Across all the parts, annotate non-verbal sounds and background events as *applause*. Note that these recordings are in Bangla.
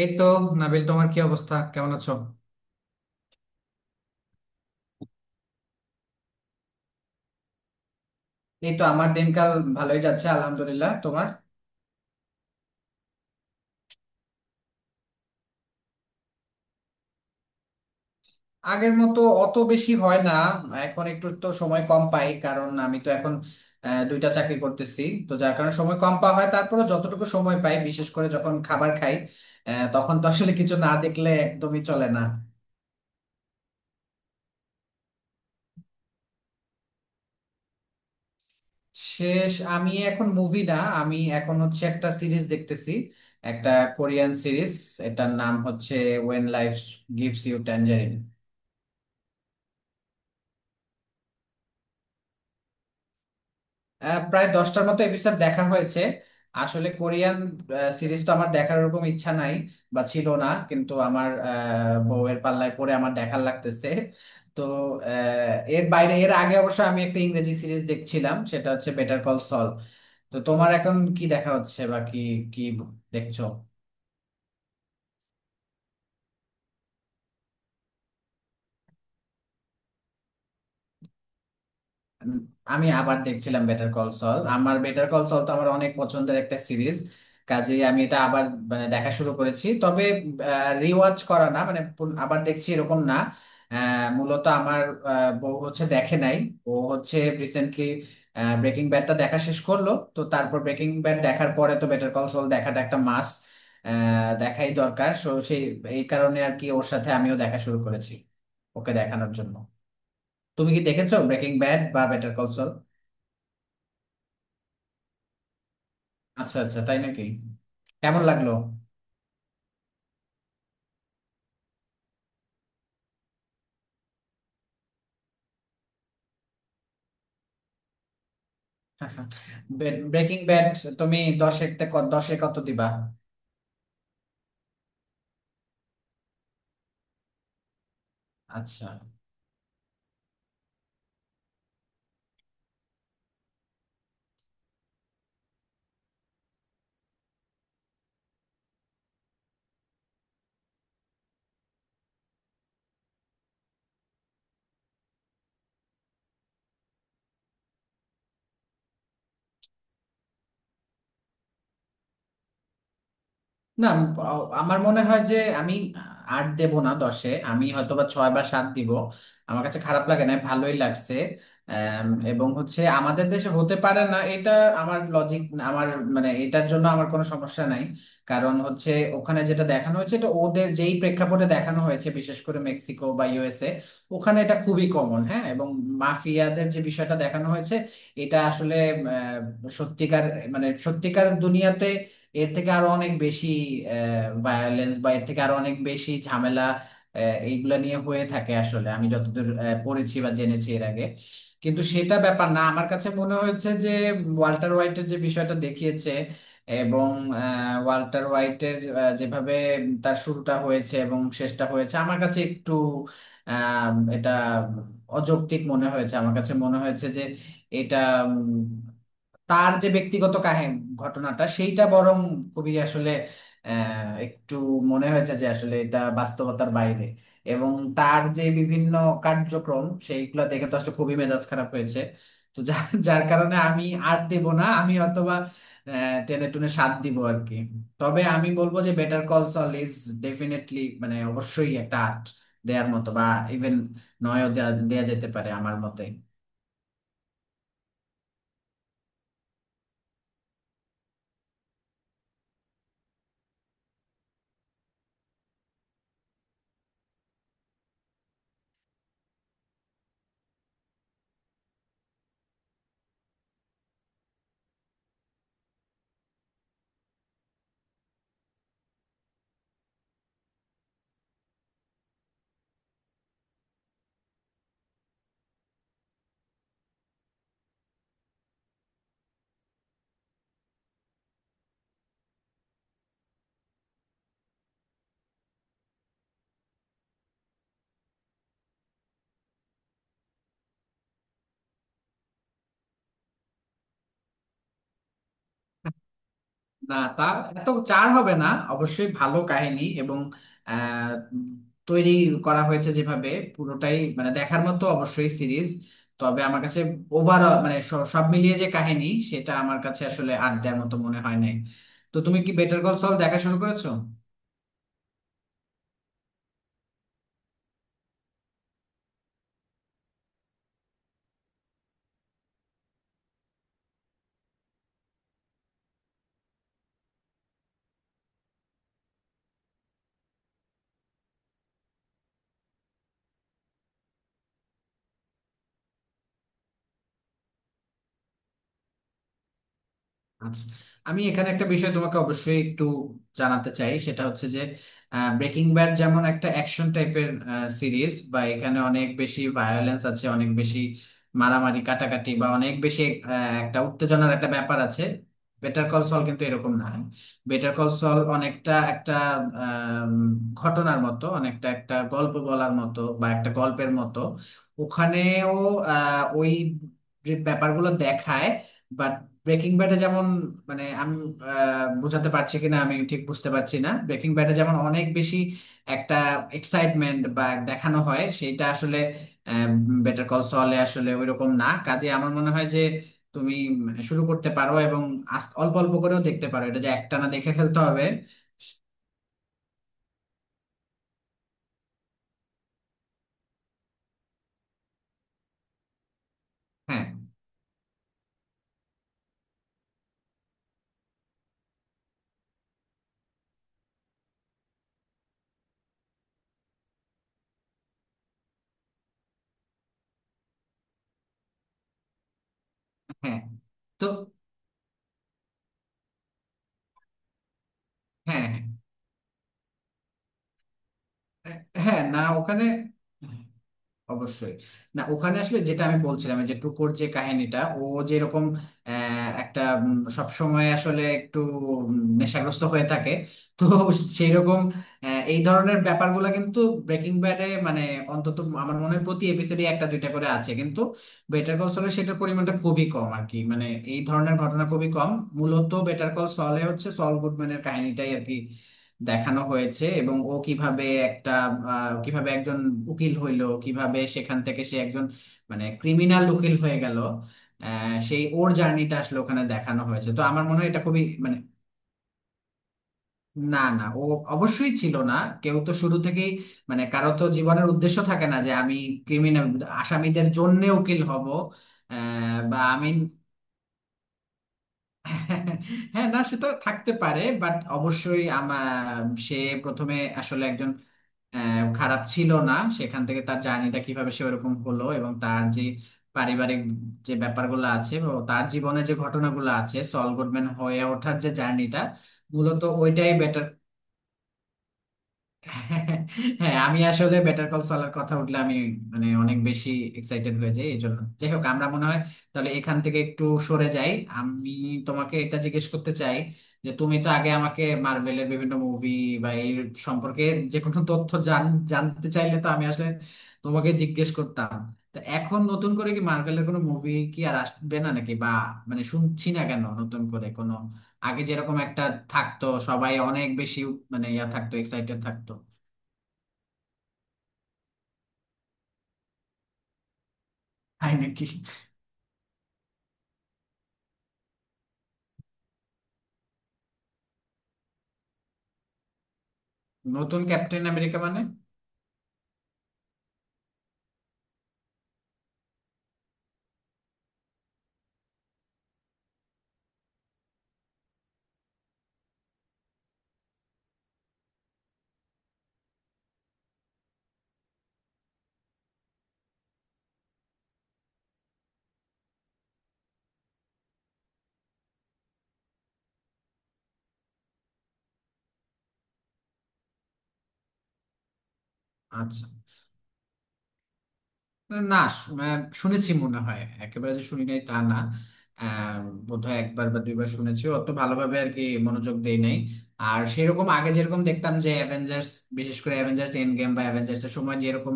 এই তো, নাবিল। তোমার কি অবস্থা? কেমন আছো? এই তো আমার দিনকাল ভালোই যাচ্ছে, আলহামদুলিল্লাহ। তোমার? আগের মতো অত বেশি হয় না। এখন একটু তো সময় কম পাই কারণ আমি তো এখন দুইটা চাকরি করতেছি। তো যার কারণে সময় কম পাওয়া হয়। তারপরে যতটুকু সময় পাই, বিশেষ করে যখন খাবার খাই, তখন তো আসলে কিছু না দেখলে একদমই চলে না। শেষ আমি এখন মুভি না, আমি এখন হচ্ছে একটা সিরিজ দেখতেছি। একটা কোরিয়ান সিরিজ। এটার নাম হচ্ছে when life gives you tangerine. প্রায় 10টার মতো এপিসোড দেখা হয়েছে। আসলে কোরিয়ান সিরিজ তো আমার দেখার ওরকম ইচ্ছা নাই বা ছিল না, কিন্তু আমার বউয়ের পাল্লায় পড়ে আমার দেখার লাগতেছে। তো এর বাইরে, এর আগে অবশ্য আমি একটা ইংরেজি সিরিজ দেখছিলাম, সেটা হচ্ছে বেটার কল সল। তো তোমার এখন কি দেখা হচ্ছে? বা কি কি দেখছো? আমি আবার দেখছিলাম বেটার কল সল। আমার বেটার কল সল তো আমার অনেক পছন্দের একটা সিরিজ। কাজেই আমি এটা আবার, মানে দেখা শুরু করেছি। তবে রিওয়াচ করা না, মানে আবার দেখছি এরকম না। মূলত আমার বউ হচ্ছে দেখে নাই। ও হচ্ছে রিসেন্টলি ব্রেকিং ব্যাডটা দেখা শেষ করলো। তো তারপর ব্রেকিং ব্যাড দেখার পরে তো বেটার কল সল দেখাটা একটা মাস্ট, দেখাই দরকার। সো সেই এই কারণে আর কি ওর সাথে আমিও দেখা শুরু করেছি, ওকে দেখানোর জন্য। তুমি কি দেখেছো ব্রেকিং ব্যাড বা বেটার কল সল? আচ্ছা, আচ্ছা, তাই নাকি? কেমন লাগলো? *laughs* ব্রেকিং ব্যাড তুমি দশে তে দশে কত দিবা? আচ্ছা, না, আমি আমার মনে হয় যে আমি আট দেব না দশে, আমি হয়তো বা 6 বা 7 দিব। আমার কাছে খারাপ লাগে না, ভালোই লাগছে। এবং হচ্ছে আমাদের দেশে হতে পারে না এটা। আমার লজিক, আমার মানে এটার জন্য আমার কোনো সমস্যা নাই। কারণ হচ্ছে ওখানে যেটা দেখানো হয়েছে, এটা ওদের যেই প্রেক্ষাপটে দেখানো হয়েছে, বিশেষ করে মেক্সিকো বা USA, ওখানে এটা খুবই কমন, হ্যাঁ। এবং মাফিয়াদের যে বিষয়টা দেখানো হয়েছে, এটা আসলে সত্যিকার, মানে সত্যিকার দুনিয়াতে এর থেকে আরো অনেক বেশি ভায়োলেন্স বা এর থেকে আরো অনেক বেশি ঝামেলা এইগুলা নিয়ে হয়ে থাকে আসলে, আমি যতদূর পড়েছি বা জেনেছি এর আগে। কিন্তু সেটা ব্যাপার না। আমার কাছে মনে হয়েছে যে ওয়াল্টার হোয়াইটের যে বিষয়টা দেখিয়েছে, এবং ওয়াল্টার হোয়াইটের যেভাবে তার শুরুটা হয়েছে এবং শেষটা হয়েছে আমার কাছে একটু এটা অযৌক্তিক মনে হয়েছে। আমার কাছে মনে হয়েছে যে এটা, তার যে ব্যক্তিগত কাহিনী, ঘটনাটা সেইটা বরং খুবই আসলে একটু মনে হয়েছে যে আসলে এটা বাস্তবতার বাইরে। এবং তার যে বিভিন্ন কার্যক্রম সেইগুলো দেখে তো আসলে খুবই মেজাজ খারাপ হয়েছে। তো যার যার কারণে আমি আর দেব না আমি, অথবা টেনে টুনে সাথ দিব আর কি। তবে আমি বলবো যে better call Saul is definitely, মানে অবশ্যই একটা আর্ট দেওয়ার মতো, বা ইভেন 9ও দেয়া দেয়া যেতে পারে আমার মতে। না তা, এত 4 হবে না। অবশ্যই ভালো কাহিনী, এবং আহ, তৈরি করা হয়েছে যেভাবে, পুরোটাই মানে দেখার মতো অবশ্যই সিরিজ। তবে আমার কাছে ওভারঅল, মানে সব মিলিয়ে যে কাহিনী, সেটা আমার কাছে আসলে 8 দেওয়ার মতো মনে হয় নাই। তো তুমি কি বেটার কল সল দেখা শুরু করেছো? আচ্ছা। আমি এখানে একটা বিষয় তোমাকে অবশ্যই একটু জানাতে চাই, সেটা হচ্ছে যে ব্রেকিং ব্যাড যেমন একটা অ্যাকশন টাইপের সিরিজ, বা এখানে অনেক বেশি ভায়োলেন্স আছে, অনেক বেশি মারামারি কাটাকাটি, বা অনেক বেশি একটা উত্তেজনার একটা ব্যাপার আছে। বেটার কল সল কিন্তু এরকম না। বেটার কল সল অনেকটা একটা আম, ঘটনার মতো, অনেকটা একটা গল্প বলার মতো বা একটা গল্পের মতো। ওখানেও ওই যে ব্যাপারগুলো দেখায়, বাট ব্রেকিং ব্যাডে যেমন, মানে আমি বোঝাতে পারছি কিনা আমি ঠিক বুঝতে পারছি না, ব্রেকিং ব্যাডে যেমন অনেক বেশি একটা এক্সাইটমেন্ট বা দেখানো হয় সেইটা আসলে বেটার কল সলে আসলে ওইরকম না। কাজে আমার মনে হয় যে তুমি, মানে শুরু করতে পারো এবং অল্প অল্প করেও দেখতে পারো, এটা যে একটানা দেখে ফেলতে হবে। হ্যাঁ, হ্যাঁ। তো হ্যাঁ, হ্যাঁ, হ্যাঁ, না, ওখানে অবশ্যই। না, ওখানে আসলে যেটা আমি বলছিলাম, এই যে টুকুর যে কাহিনীটা, ও যেরকম একটা সব সময় আসলে একটু উম, নেশাগ্রস্ত হয়ে থাকে। তো সেই রকম এই ধরনের ব্যাপারগুলো কিন্তু ব্রেকিং ব্যাডে, মানে অন্তত আমার মনে হয় প্রতি এপিসোডে একটা দুইটা করে আছে, কিন্তু বেটার কল সলে সেটার পরিমাণটা খুবই কম আর কি, মানে এই ধরনের ঘটনা খুবই কম। মূলত বেটার কল সলে হচ্ছে সল গুডম্যানের কাহিনীটাই আর কি দেখানো হয়েছে, এবং ও কিভাবে একটা কিভাবে একজন উকিল হইলো, কিভাবে সেখান থেকে সে একজন মানে ক্রিমিনাল উকিল হয়ে গেল। সেই ওর জার্নিটা আসলে ওখানে দেখানো হয়েছে। তো আমার মনে হয় এটা খুবই মানে, না, না, ও অবশ্যই ছিল না। কেউ তো শুরু থেকেই মানে কারো তো জীবনের উদ্দেশ্য থাকে না যে আমি ক্রিমিনাল আসামিদের জন্য উকিল হব। বা আমি, হ্যাঁ, না, সেটা থাকতে পারে, বাট অবশ্যই আমার সে প্রথমে আসলে একজন খারাপ ছিল না। সেখান থেকে তার জার্নিটা কিভাবে সে ওরকম হলো, এবং তার যে পারিবারিক যে ব্যাপারগুলো আছে, ও তার জীবনের যে ঘটনাগুলো আছে, সল গুডম্যান হয়ে ওঠার যে জার্নিটা, মূলত ওইটাই বেটার। হ্যাঁ, আমি আসলে বেটার কল সলার কথা উঠলে আমি, মানে অনেক বেশি এক্সাইটেড হয়ে যাই। এই জন্য যাই হোক, আমরা মনে হয় তাহলে এখান থেকে একটু সরে যাই। আমি তোমাকে এটা জিজ্ঞেস করতে চাই, যে তুমি তো আগে আমাকে মার্ভেলের বিভিন্ন মুভি বা এই সম্পর্কে যে কোনো তথ্য জান। জানতে চাইলে তো আমি আসলে তোমাকে জিজ্ঞেস করতাম। তো এখন নতুন করে কি মার্ভেলের কোনো মুভি কি আর আসবে না নাকি, বা মানে শুনছি না কেন নতুন করে কোনো, আগে যেরকম একটা থাকতো সবাই অনেক বেশি, মানে ইয়া থাকতো, এক্সাইটেড থাকতো। তাই নাকি? নতুন ক্যাপ্টেন আমেরিকা মানে? আচ্ছা, না, শুনেছি মনে হয়, একেবারে যে শুনি নাই তা না। আহ, বোধহয় একবার বা দুইবার শুনেছি, অত ভালোভাবে আর কি মনোযোগ দেই নাই। আর সেরকম আগে যেরকম দেখতাম যে অ্যাভেঞ্জার্স, বিশেষ করে অ্যাভেঞ্জার্স এন্ড গেম বা অ্যাভেঞ্জার্স এর সময় যেরকম,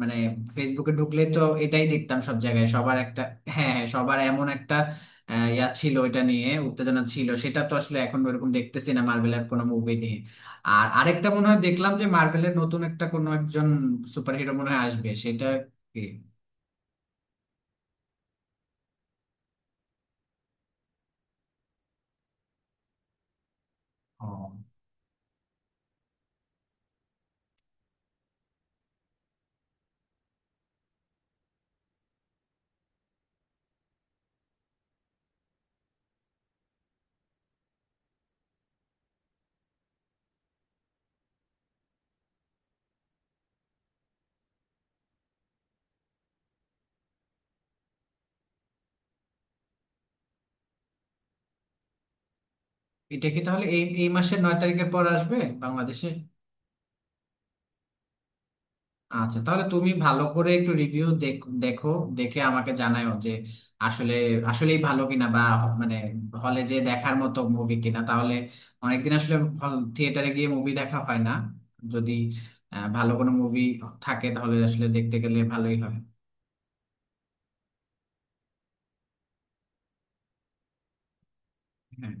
মানে ফেসবুকে ঢুকলে তো এটাই দেখতাম সব জায়গায় সবার একটা। হ্যাঁ, হ্যাঁ, সবার এমন একটা ইয়া ছিল, এটা নিয়ে উত্তেজনা ছিল। সেটা তো আসলে এখন ওরকম দেখতেছি না মার্ভেলের কোনো মুভি নিয়ে। আর আরেকটা মনে হয় দেখলাম যে মার্ভেলের নতুন একটা কোনো একজন সুপারহিরো মনে হয় আসবে সেটা। কি? ও। এটা কি তাহলে এই এই মাসের 9 তারিখের পর আসবে বাংলাদেশে? আচ্ছা, তাহলে তুমি ভালো করে একটু রিভিউ দেখো, দেখো দেখে আমাকে জানাও যে আসলে আসলেই ভালো কিনা, বা মানে হলে যে দেখার মতো মুভি কিনা। তাহলে অনেকদিন আসলে হল থিয়েটারে গিয়ে মুভি দেখা হয় না। যদি ভালো কোনো মুভি থাকে তাহলে আসলে দেখতে গেলে ভালোই হয়। হ্যাঁ,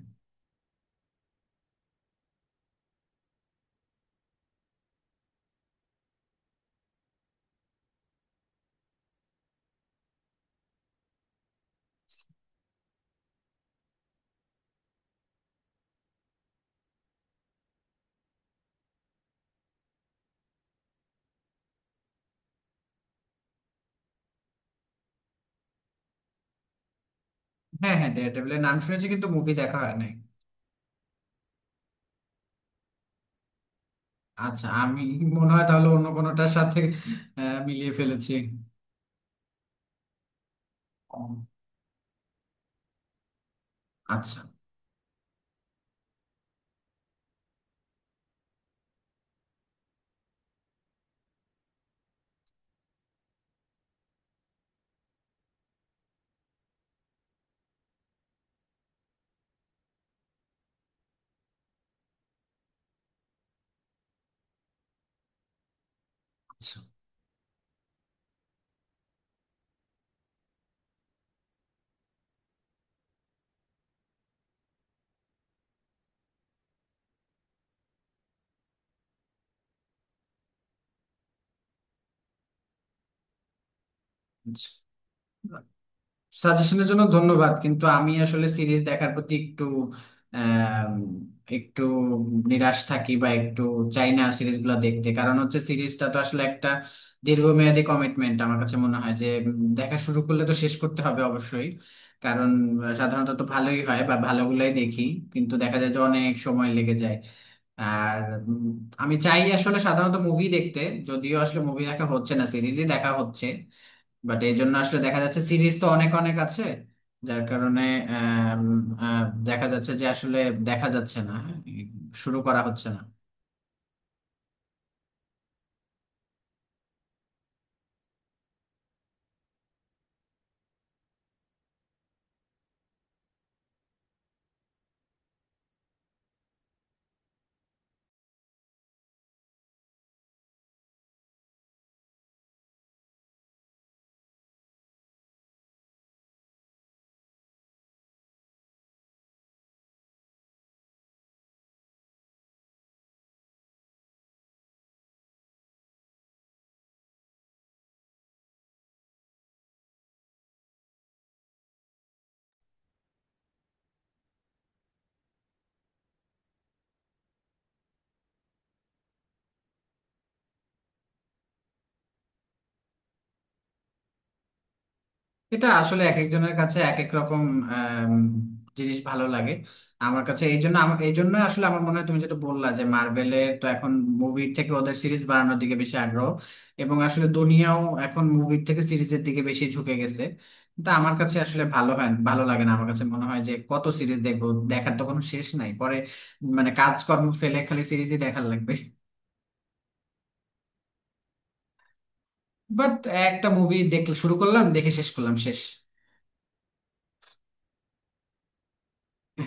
হ্যাঁ, হ্যাঁ, ডেয়ারডেভিলের নাম শুনেছি কিন্তু মুভি দেখা হয় নাই। আচ্ছা, আমি মনে হয় তাহলে অন্য কোনোটার সাথে মিলিয়ে ফেলেছি। ও, আচ্ছা, আচ্ছা, আচ্ছা। সাজেশনের জন্য ধন্যবাদ, কিন্তু আমি আসলে সিরিজ দেখার প্রতি একটু আম, একটু নিরাশ থাকি বা একটু চাই না সিরিজগুলো দেখতে। কারণ হচ্ছে সিরিজটা তো আসলে একটা দীর্ঘমেয়াদী কমিটমেন্ট, আমার কাছে মনে হয় যে দেখা শুরু করলে তো শেষ করতে হবে অবশ্যই। কারণ সাধারণত তো ভালোই হয় বা ভালোগুলাই দেখি, কিন্তু দেখা যায় যে অনেক সময় লেগে যায়। আর উম, আমি চাই আসলে সাধারণত মুভি দেখতে, যদিও আসলে মুভি দেখা হচ্ছে না, সিরিজই দেখা হচ্ছে। বাট এই জন্য আসলে দেখা যাচ্ছে সিরিজ তো অনেক অনেক আছে, যার কারণে আম, দেখা যাচ্ছে যে আসলে দেখা যাচ্ছে না, হ্যাঁ, শুরু করা হচ্ছে না। এটা আসলে এক একজনের কাছে এক এক রকম আম, জিনিস ভালো লাগে। আমার কাছে এই জন্য এই জন্য আসলে আমার মনে হয় তুমি যেটা বললা, যে মার্ভেলের তো এখন মুভির থেকে ওদের সিরিজ বানানোর দিকে বেশি আগ্রহ, এবং আসলে দুনিয়াও এখন মুভির থেকে সিরিজের দিকে বেশি ঝুঁকে গেছে। তা আমার কাছে আসলে ভালো হয় ভালো লাগে না, আমার কাছে মনে হয় যে কত সিরিজ দেখবো, দেখার তো কোনো শেষ নাই পরে। মানে কাজকর্ম ফেলে খালি সিরিজই দেখার লাগবে। বাট একটা মুভি দেখলে শুরু করলাম, দেখে শেষ করলাম, শেষ।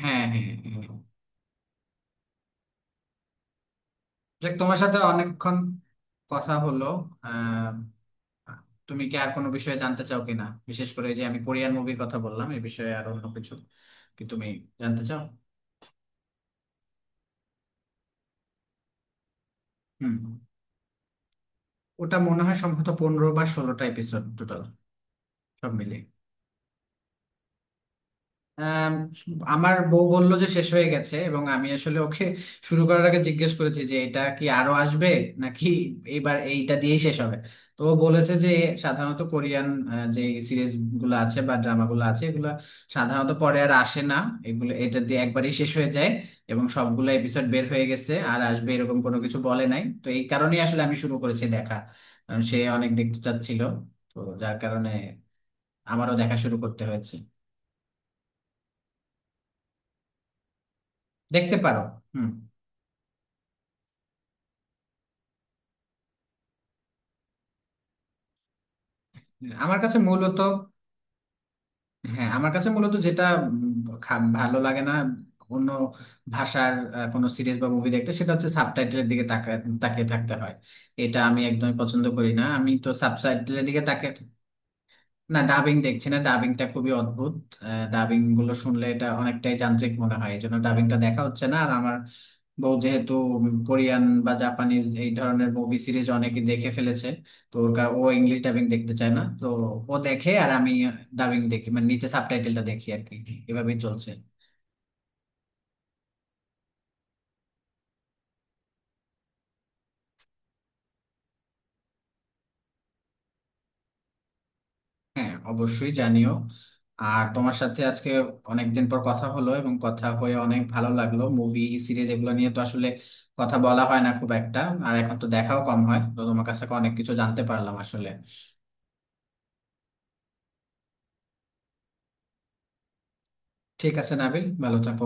হ্যাঁ, হ্যাঁ, হ্যাঁ। যে তোমার সাথে অনেকক্ষণ কথা হলো। আহ তুমি কি আর কোনো বিষয়ে জানতে চাও কিনা, বিশেষ করে এই যে আমি কোরিয়ান মুভির কথা বললাম এই বিষয়ে আর অন্য কিছু? কি তুমি জানতে চাও? হুম। ওটা মনে হয় সম্ভবত 15 বা 16টা এপিসোড টোটাল, সব মিলে। আম, আমার বউ বলল যে শেষ হয়ে গেছে, এবং আমি আসলে ওকে শুরু করার আগে জিজ্ঞেস করেছি যে এটা কি আরো আসবে নাকি এবার এইটা দিয়েই শেষ হবে। তো ও বলেছে যে সাধারণত কোরিয়ান যে সিরিজ গুলো আছে বা ড্রামা গুলো আছে, এগুলো সাধারণত পরে আর আসে না, এগুলো এটা দিয়ে একবারই শেষ হয়ে যায়। এবং সবগুলো এপিসোড বের হয়ে গেছে, আর আসবে এরকম কোনো কিছু বলে নাই, তো এই কারণেই আসলে আমি শুরু করেছি দেখা, কারণ সে অনেক দেখতে চাচ্ছিল। তো যার কারণে আমারও দেখা শুরু করতে হয়েছে। দেখতে পারো। হুম। আমার কাছে মূলত, হ্যাঁ, আমার কাছে মূলত যেটা উম ভালো লাগে না অন্য ভাষার কোনো সিরিজ বা মুভি দেখতে, সেটা হচ্ছে সাবটাইটেলের দিকে তাকিয়ে থাকতে হয়। এটা আমি একদমই পছন্দ করি না, আমি তো সাবটাইটেলের দিকে তাকিয়ে। না, ডাবিং দেখছি না। ডাবিংটা খুবই অদ্ভুত, ডাবিং গুলো শুনলে এটা অনেকটাই যান্ত্রিক মনে হয়, এই জন্য ডাবিংটা দেখা হচ্ছে না। আর আমার বউ যেহেতু কোরিয়ান বা জাপানিজ এই ধরনের মুভি সিরিজ অনেকে দেখে ফেলেছে, তো ও ইংলিশ ডাবিং দেখতে চায় না। তো ও দেখে আর আমি ডাবিং দেখি, মানে নিচে সাবটাইটেলটা দেখি আর কি। এভাবেই চলছে। হ্যাঁ, অবশ্যই জানিও। আর তোমার সাথে আজকে অনেকদিন পর কথা হলো এবং কথা হয়ে অনেক ভালো লাগলো। মুভি, সিরিজ এগুলো নিয়ে তো আসলে কথা বলা হয় না খুব একটা, আর এখন তো দেখাও কম হয়। তো তোমার কাছ থেকে অনেক কিছু জানতে পারলাম আসলে। ঠিক আছে, নাবিল, ভালো থাকো।